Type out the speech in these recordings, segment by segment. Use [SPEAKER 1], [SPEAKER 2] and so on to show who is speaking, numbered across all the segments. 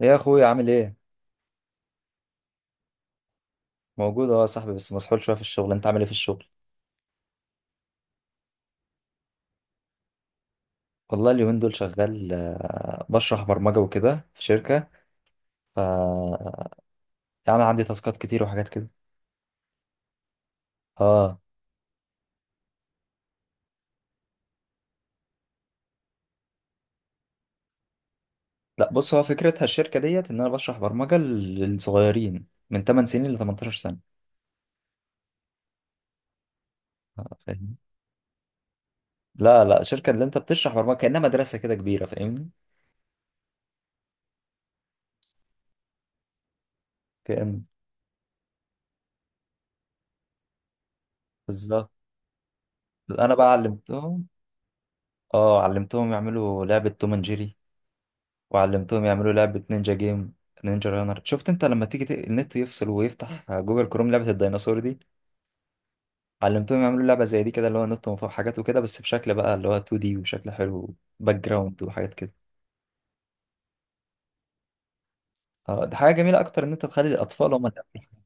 [SPEAKER 1] ايه يا اخويا، عامل ايه؟ موجود اهو يا صاحبي، بس مسحول شويه في الشغل. انت عامل ايه في الشغل؟ والله اليومين دول شغال، بشرح برمجه وكده في شركه. ف يعني عندي تاسكات كتير وحاجات كده. اه. لا، بص، هو فكرتها الشركه ديت ان انا بشرح برمجه للصغيرين من 8 سنين ل 18 سنه. آه، فاهم. لا لا، الشركه اللي انت بتشرح برمجه كانها مدرسه كده كبيره، فاهمني. كأن. بالظبط. انا بقى علمتهم. اه، علمتهم يعملوا لعبه توم اند جيري. وعلمتهم يعملوا لعبة نينجا جيم. نينجا رانر، شفت انت لما تيجي النت يفصل ويفتح جوجل كروم لعبة الديناصور دي. علمتهم يعملوا لعبة زي دي كده، اللي هو نط من فوق حاجات وكده، بس بشكل بقى اللي هو 2D وشكل حلو، باك جراوند وحاجات كده. اه، ده حاجة جميلة أكتر إن أنت تخلي الأطفال هم اللي يعملوا الحاجة.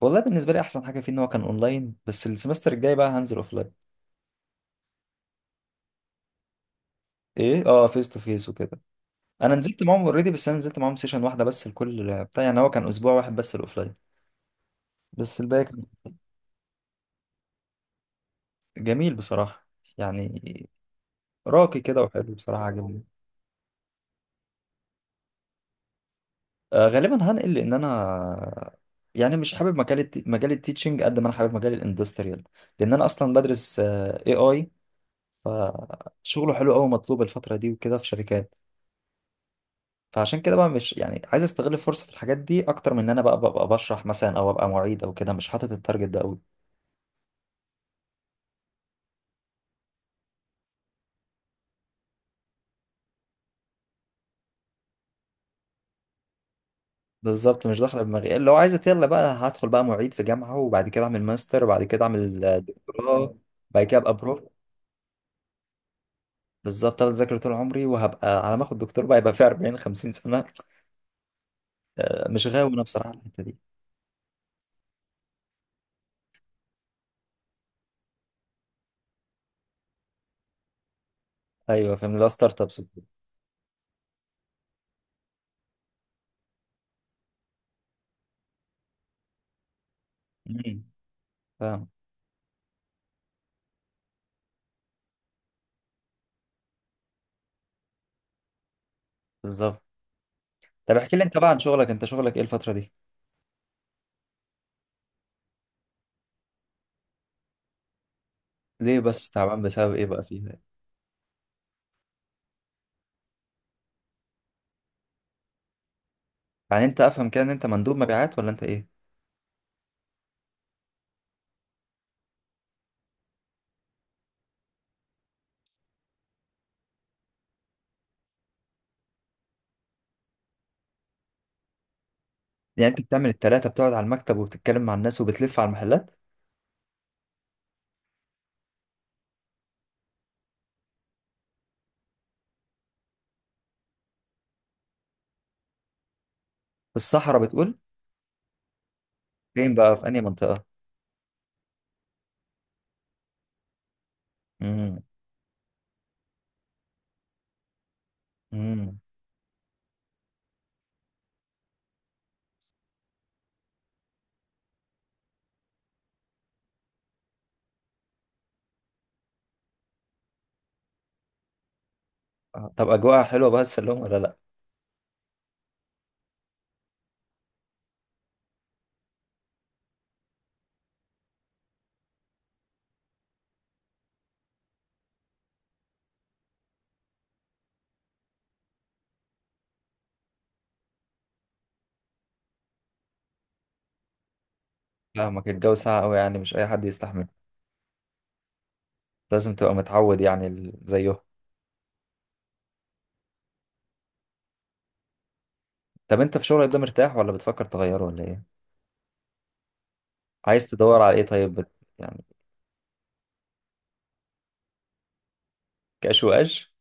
[SPEAKER 1] والله بالنسبة لي أحسن حاجة فيه إن هو كان أونلاين، بس السمستر الجاي بقى هنزل أوفلاين. إيه، أه، فيس تو فيس وكده. أنا نزلت معاهم أوريدي، بس أنا نزلت معاهم سيشن واحدة بس. الكل بتاع يعني هو كان أسبوع واحد بس الأوفلاين، بس الباقي كان جميل بصراحة. يعني راقي كده وحلو بصراحة، عجبني. آه، غالبا هنقل، لأن أنا يعني مش حابب مجال مجال التيتشنج قد ما أنا حابب مجال الاندستريال. لأن أنا أصلا بدرس اي اي. فشغله حلو أوي، مطلوب الفترة دي وكده في شركات. فعشان كده بقى، مش يعني عايز استغل الفرصة في الحاجات دي أكتر من إن أنا بقى ببقى بشرح مثلا، أو أبقى معيد أو كده. مش حاطط التارجت ده أوي. بالظبط، مش داخله دماغي. لو عايز يلا بقى هدخل بقى معيد في جامعة، وبعد كده أعمل ماستر، وبعد كده أعمل دكتوراه. بعد كده أبقى بروف. بالظبط، انا اذاكر طول عمري، وهبقى على ما اخد دكتور بقى يبقى في 40 50 سنه. آه، مش غاوي انا بصراحه على الحته دي. ايوه، فاهم، اللي هو ستارت ابس وكده. أمم، فاهم. بالظبط. طب احكي لي انت بقى عن شغلك، انت شغلك ايه الفتره دي؟ ليه بس تعبان؟ بسبب ايه بقى فيها؟ يعني انت افهم كده ان انت مندوب مبيعات ولا انت ايه؟ يعني انت بتعمل التلاته، بتقعد على المكتب وبتتكلم مع الناس وبتلف على المحلات؟ في الصحراء بتقول؟ فين بقى، في انهي منطقه؟ امم، امم. آه، طب اجواءها حلوه بقى السلوم ولا لا؟ فاهمك، الجو ساقع قوي، يعني مش اي حد يستحمل. لازم تبقى متعود يعني زيه. طب انت في شغلك ده مرتاح ولا بتفكر تغيره ولا ايه؟ عايز تدور على ايه طيب يعني؟ كاش واش؟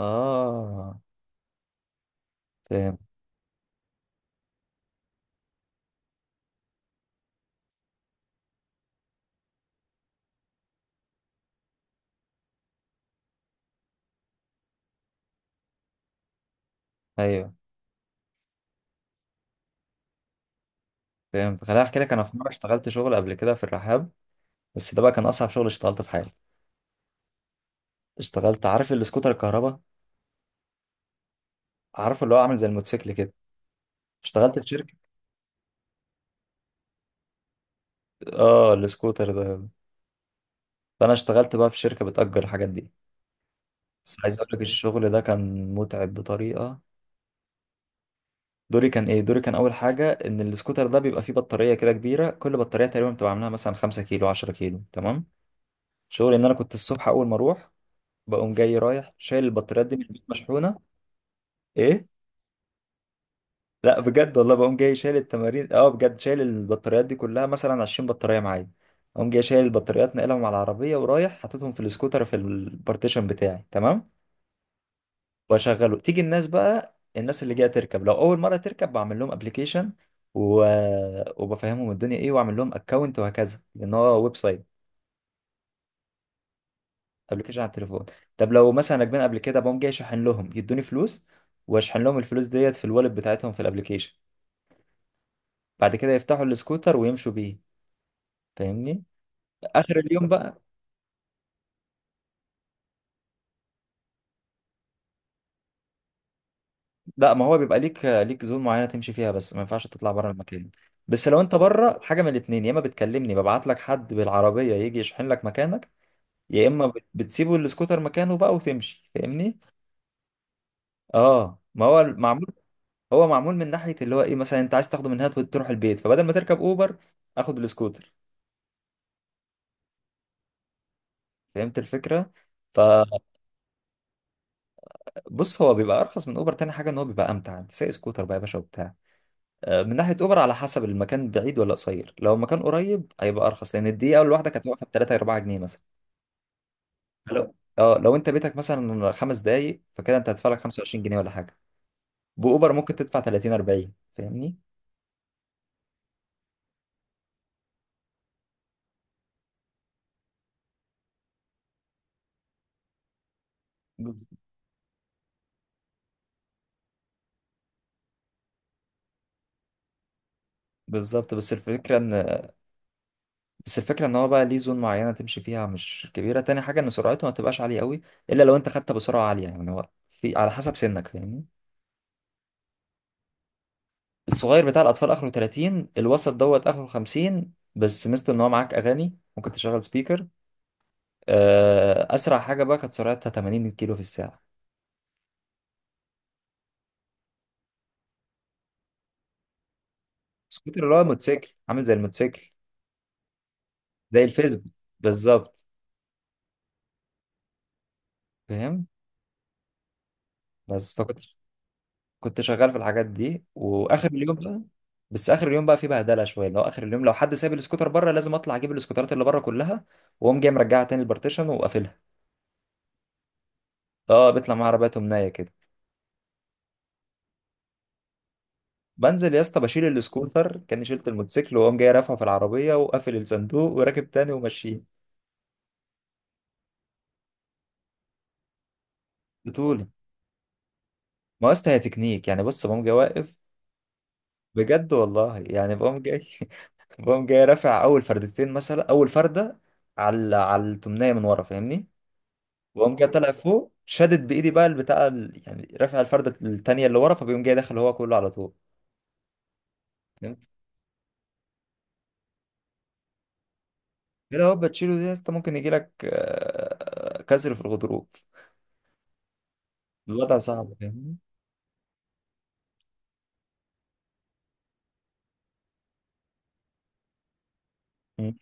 [SPEAKER 1] اه، فاهم. ايوه، فهمت. خليني احكي لك، انا في مره اشتغلت شغل قبل كده في الرحاب. بس ده بقى كان اصعب شغل اشتغلته في حياتي. اشتغلت عارف السكوتر الكهرباء؟ عارف اللي هو عامل زي الموتوسيكل كده؟ اشتغلت في شركه. اه، السكوتر ده. فانا اشتغلت بقى في شركه بتأجر الحاجات دي. بس عايز اقول لك الشغل ده كان متعب بطريقه. دوري كان ايه؟ دوري كان اول حاجه ان السكوتر ده بيبقى فيه بطاريه كده كبيره. كل بطاريه تقريبا بتبقى عاملاها مثلا 5 كيلو 10 كيلو، تمام. شغلي ان انا كنت الصبح اول ما اروح، بقوم جاي رايح شايل البطاريات دي من البيت مشحونه. ايه؟ لا، بجد والله، بقوم جاي شايل التمارين، اه، بجد شايل البطاريات دي كلها، مثلا 20 بطاريه معايا. اقوم جاي شايل البطاريات، ناقلهم على العربيه ورايح حاططهم في السكوتر في البارتيشن بتاعي، تمام. واشغله. تيجي الناس بقى، الناس اللي جايه تركب، لو اول مره تركب بعمل لهم ابلكيشن و... وبفهمهم الدنيا ايه، واعمل لهم اكونت وهكذا، لان هو ويب سايت. ابلكيشن على التليفون. طب لو مثلا راكبين قبل كده، بقوم جاي اشحن لهم، يدوني فلوس واشحن لهم الفلوس ديت في الوالlet بتاعتهم في الابلكيشن. بعد كده يفتحوا السكوتر ويمشوا بيه، فاهمني. اخر اليوم بقى. لا، ما هو بيبقى ليك زون معينه تمشي فيها، بس ما ينفعش تطلع بره المكان. بس لو انت بره، حاجه من الاتنين، يا اما بتكلمني ببعت لك حد بالعربيه يجي يشحن لك مكانك، يا اما بتسيبه السكوتر مكانه بقى وتمشي، فاهمني. اه، ما هو معمول. هو معمول من ناحيه اللي هو ايه، مثلا انت عايز تاخده من هنا تروح البيت، فبدل ما تركب اوبر اخد السكوتر. فهمت الفكره. فبص، هو بيبقى ارخص من اوبر. تاني حاجه ان هو بيبقى امتع، انت سايق سكوتر بقى يا باشا وبتاع. من ناحيه اوبر على حسب المكان بعيد ولا قصير. لو المكان قريب هيبقى ارخص، لان الدقيقه الواحده كانت واقفه ب 3 4 جنيه مثلا. لو انت بيتك مثلا خمس دقايق، فكده انت هتدفع لك 25 جنيه ولا حاجه. باوبر ممكن تدفع 30 40، فاهمني. بالظبط. بس الفكرة ان بس الفكرة ان هو بقى ليه زون معينة تمشي فيها مش كبيرة. تاني حاجة ان سرعته ما تبقاش عالية قوي، الا لو انت خدت بسرعة عالية يعني. هو في على حسب سنك، فاهمني. الصغير بتاع الاطفال اخره 30، الوسط دوت اخره 50، بس ميزته ان هو معاك اغاني، ممكن تشغل سبيكر. اسرع حاجة بقى كانت سرعتها 80 كيلو في الساعة. سكوتر اللي هو موتوسيكل، عامل زي الموتوسيكل. زي الفيسبا. بالظبط. فاهم. بس كنت شغال في الحاجات دي. واخر اليوم بقى، بس اخر اليوم بقى في بهدله شويه، اللي هو اخر اليوم لو حد ساب السكوتر بره، لازم اطلع اجيب السكوترات اللي بره كلها، واقوم جاي مرجعها تاني البارتيشن وقافلها. اه، بيطلع معايا عربيه نايه كده. بنزل يا اسطى، بشيل السكوتر كاني شلت الموتوسيكل، واقوم جاي رافعه في العربيه، وقافل الصندوق وراكب تاني وماشيين. بطوله. ما هو يا اسطى هي تكنيك يعني. بص، بقوم جاي واقف. بجد والله، يعني بقوم جاي، بقوم جاي رافع اول فردتين مثلا. اول فرده على التمنيه من ورا، فاهمني. وقام جاي طالع فوق، شدت بايدي بقى البتاع يعني رافع الفرده التانيه اللي ورا، فبيقوم جاي داخل هو كله على طول. فهمت. كده هو بتشيله دي يا اسطى، ممكن يجي لك كسر في الغضروف. الوضع صعب، فاهمني. مم.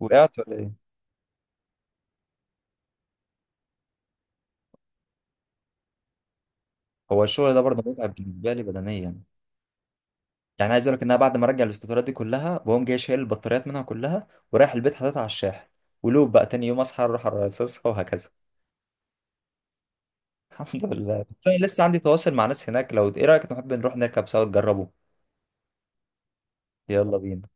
[SPEAKER 1] وقعت ولا ايه؟ هو الشغل ده برضه متعب بالنسبه لي بدنيا. يعني عايز اقول لك ان انا بعد ما ارجع الاسكوترات دي كلها، بقوم جاي شايل البطاريات منها كلها ورايح البيت حاططها على الشاحن. ولوب بقى، تاني يوم اصحى اروح ارصصها وهكذا. الحمد لله. طيب، لسه عندي تواصل مع ناس هناك، لو ايه رايك نحب نروح نركب سوا تجربه؟ يلا بينا.